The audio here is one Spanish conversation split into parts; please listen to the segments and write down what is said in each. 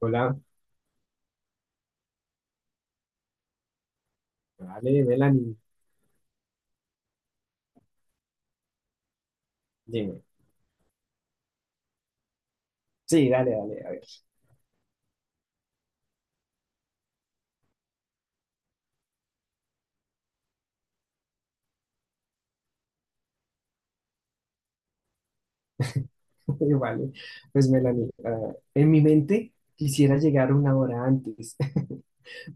Hola, vale, Melanie, dime. Sí, dale, dale, a ver. Vale, pues Melanie, en mi mente quisiera llegar una hora antes,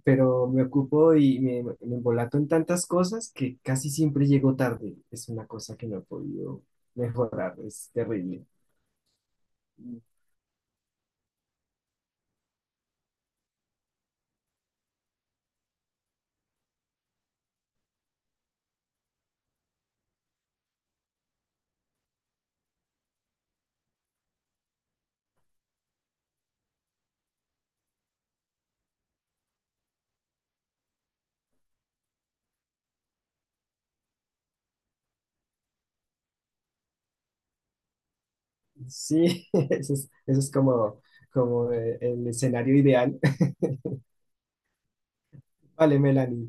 pero me ocupo y me embolato en tantas cosas que casi siempre llego tarde. Es una cosa que no he podido mejorar, es terrible. Sí, eso es como, como el escenario ideal. Vale, Melanie.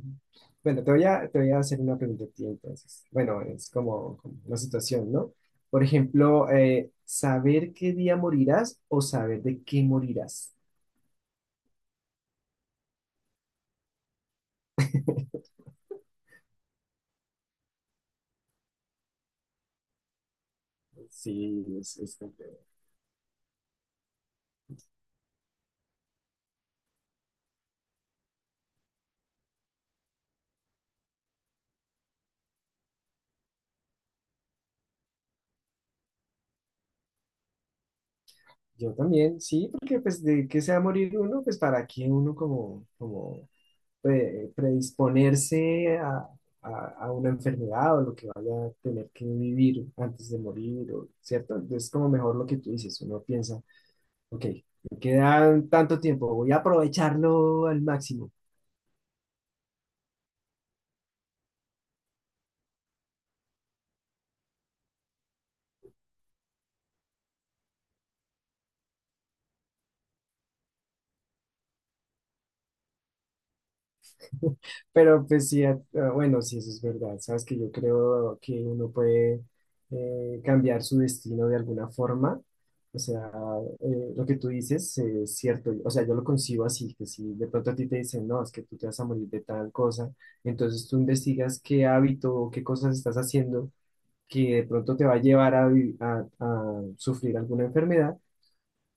Bueno, te voy a hacer una pregunta a ti entonces. Bueno, es como, como una situación, ¿no? Por ejemplo, saber qué día morirás o saber de qué morirás. Sí, es complejo. Yo también, sí, porque pues de qué se va a morir uno, pues para qué uno como, como predisponerse a una enfermedad o lo que vaya a tener que vivir antes de morir, o- ¿cierto? Entonces, como mejor lo que tú dices, uno piensa. Ok, me quedan tanto tiempo, voy a aprovecharlo al máximo. Pero pues sí, ah, bueno, sí, eso es verdad. Sabes que yo creo que uno puede cambiar su destino de alguna forma. O sea, lo que tú dices es cierto. O sea, yo lo concibo así, que si de pronto a ti te dicen, no, es que tú te vas a morir de tal cosa, entonces tú investigas qué hábito o qué cosas estás haciendo que de pronto te va a llevar a, a sufrir alguna enfermedad.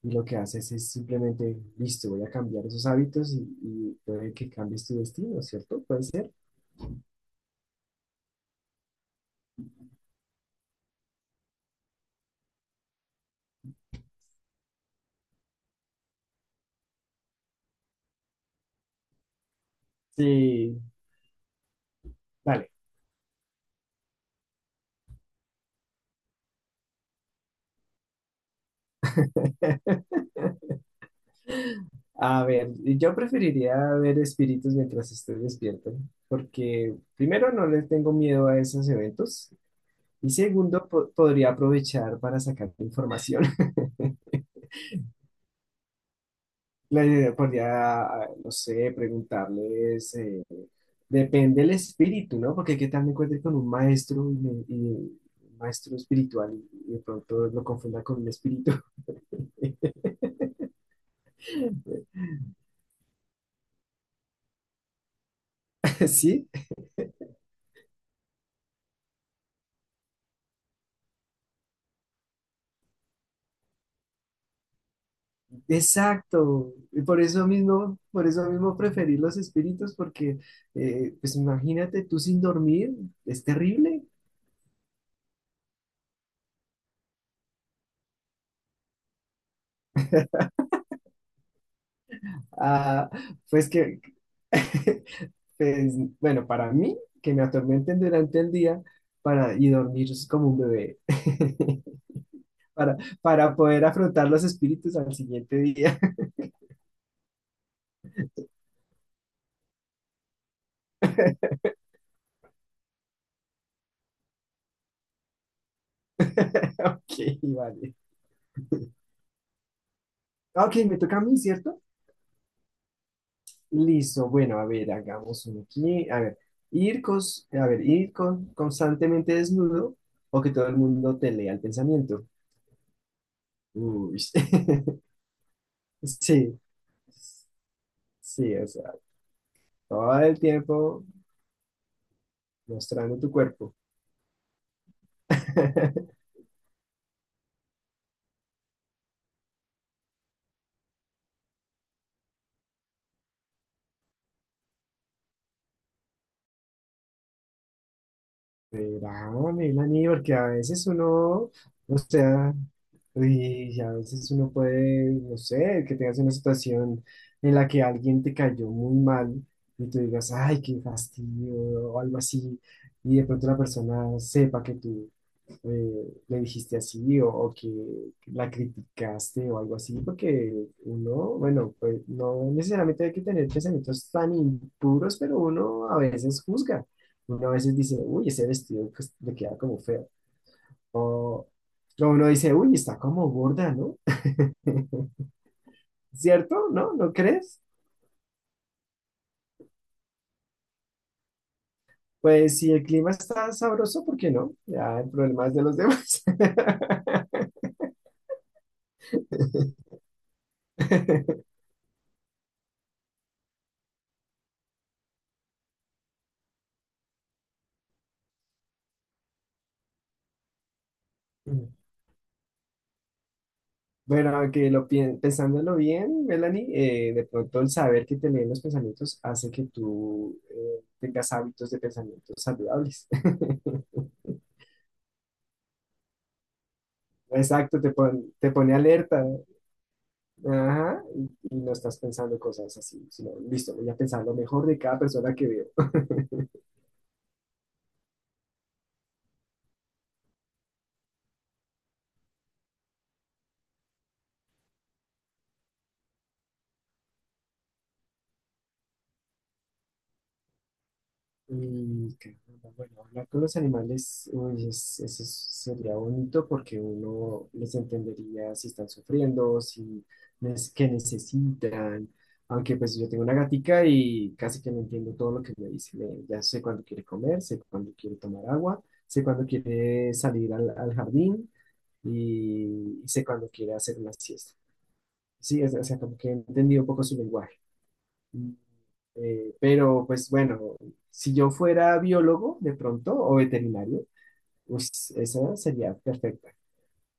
Y lo que haces es simplemente, listo, voy a cambiar esos hábitos y puede que cambies tu destino, ¿cierto? Puede ser. Sí, vale. A ver, yo preferiría ver espíritus mientras estoy despierto, porque primero no les tengo miedo a esos eventos y segundo podría aprovechar para sacar información. Le podría, no sé, preguntarles, depende del espíritu, ¿no? Porque qué tal me encuentre con un maestro y, y un maestro espiritual y de pronto lo confunda con un espíritu. Sí, exacto. Y por eso mismo preferir los espíritus, porque, pues imagínate tú sin dormir, es terrible. Ah, pues que pues, bueno, para mí, que me atormenten durante el día para, y dormir como un bebé, para poder afrontar los espíritus al siguiente día. Ok, vale. Ok, me toca a mí, ¿cierto? Listo, bueno, a ver, hagamos uno aquí. A ver, ir constantemente desnudo o que todo el mundo te lea el pensamiento. Uy, sí, sí, o sea, todo el tiempo mostrando tu cuerpo. Verá, Melanie, porque a veces uno, o sea, y a veces uno puede, no sé, que tengas una situación en la que alguien te cayó muy mal y tú digas, ay, qué fastidio, o algo así, y de pronto la persona sepa que tú le dijiste así o que la criticaste o algo así, porque uno, bueno, pues no necesariamente hay que tener pensamientos tan impuros, pero uno a veces juzga. Uno a veces dice, uy, ese vestido pues, le queda como feo. O o uno dice, uy, está como gorda, ¿no? ¿Cierto? ¿No? ¿No crees? Pues si el clima está sabroso, ¿por qué no? Ya el problema es de los demás. Bueno, que lo pensándolo bien, Melanie, de pronto el saber que te leen los pensamientos hace que tú tengas hábitos de pensamientos saludables. Exacto, te pone alerta, ¿no? Ajá, y no estás pensando cosas así, sino, listo, voy a pensar lo mejor de cada persona que veo. Y que, bueno, hablar con los animales, uy, sería bonito porque uno les entendería si están sufriendo, si es que necesitan. Aunque pues yo tengo una gatica y casi que no entiendo todo lo que me dice. Ya sé cuándo quiere comer, sé cuándo quiere tomar agua, sé cuándo quiere salir al jardín y sé cuándo quiere hacer una siesta. Sí, o sea, como que he entendido un poco su lenguaje. Pero pues bueno, si yo fuera biólogo de pronto o veterinario, pues esa sería perfecta.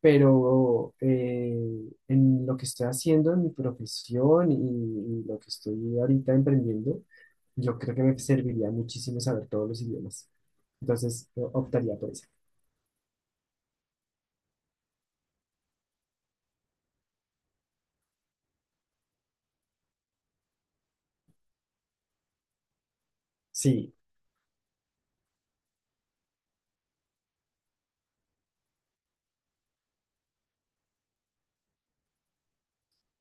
Pero en lo que estoy haciendo, en mi profesión y lo que estoy ahorita emprendiendo, yo creo que me serviría muchísimo saber todos los idiomas. Entonces, yo optaría por eso. Sí,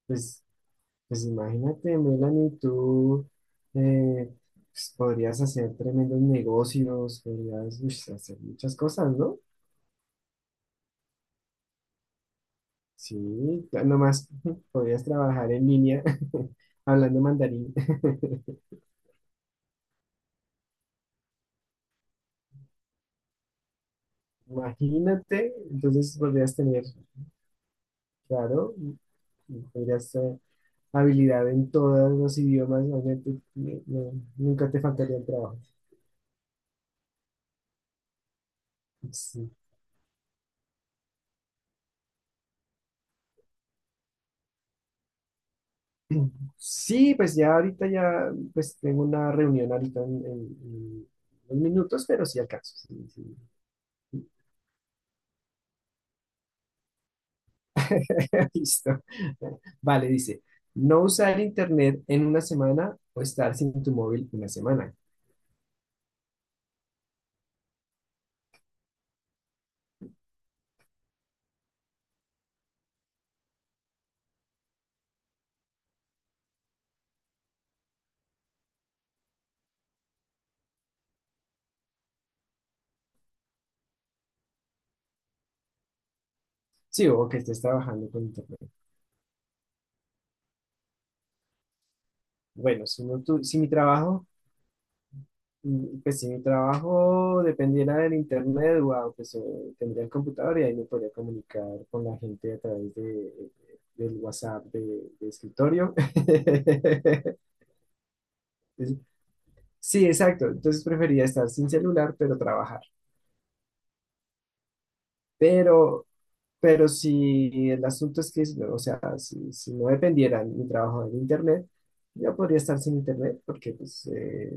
pues pues imagínate, Melanie, tú eh, pues, podrías hacer tremendos negocios, podrías ush, hacer muchas cosas, ¿no? Sí, ya nomás podrías trabajar en línea hablando mandarín. Imagínate, entonces podrías tener, claro, podrías habilidad en todos los idiomas, obviamente, no, nunca te faltaría el trabajo. Sí. Sí, pues ya ahorita ya, pues tengo una reunión ahorita en unos minutos, pero sí alcanzo. Sí, sí. Listo. Vale, dice, no usar internet en una semana o estar sin tu móvil una semana. Sí, o que estés trabajando con internet. Bueno, si, si mi trabajo. Mm, pues si mi trabajo dependiera del internet, wow, pues tendría el computador y ahí me podría comunicar con la gente a través del WhatsApp de escritorio. Entonces, sí, exacto. Entonces prefería estar sin celular, pero trabajar. Pero, pero si el asunto es que, o sea, si, si no dependiera mi trabajo del internet, yo podría estar sin internet porque pues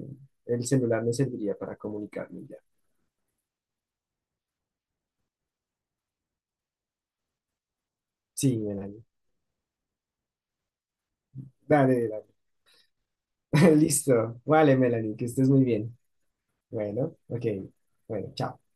el celular me serviría para comunicarme ya. Sí, Melanie. Dale, dale. Listo. Vale, Melanie, que estés muy bien. Bueno, ok. Bueno, chao.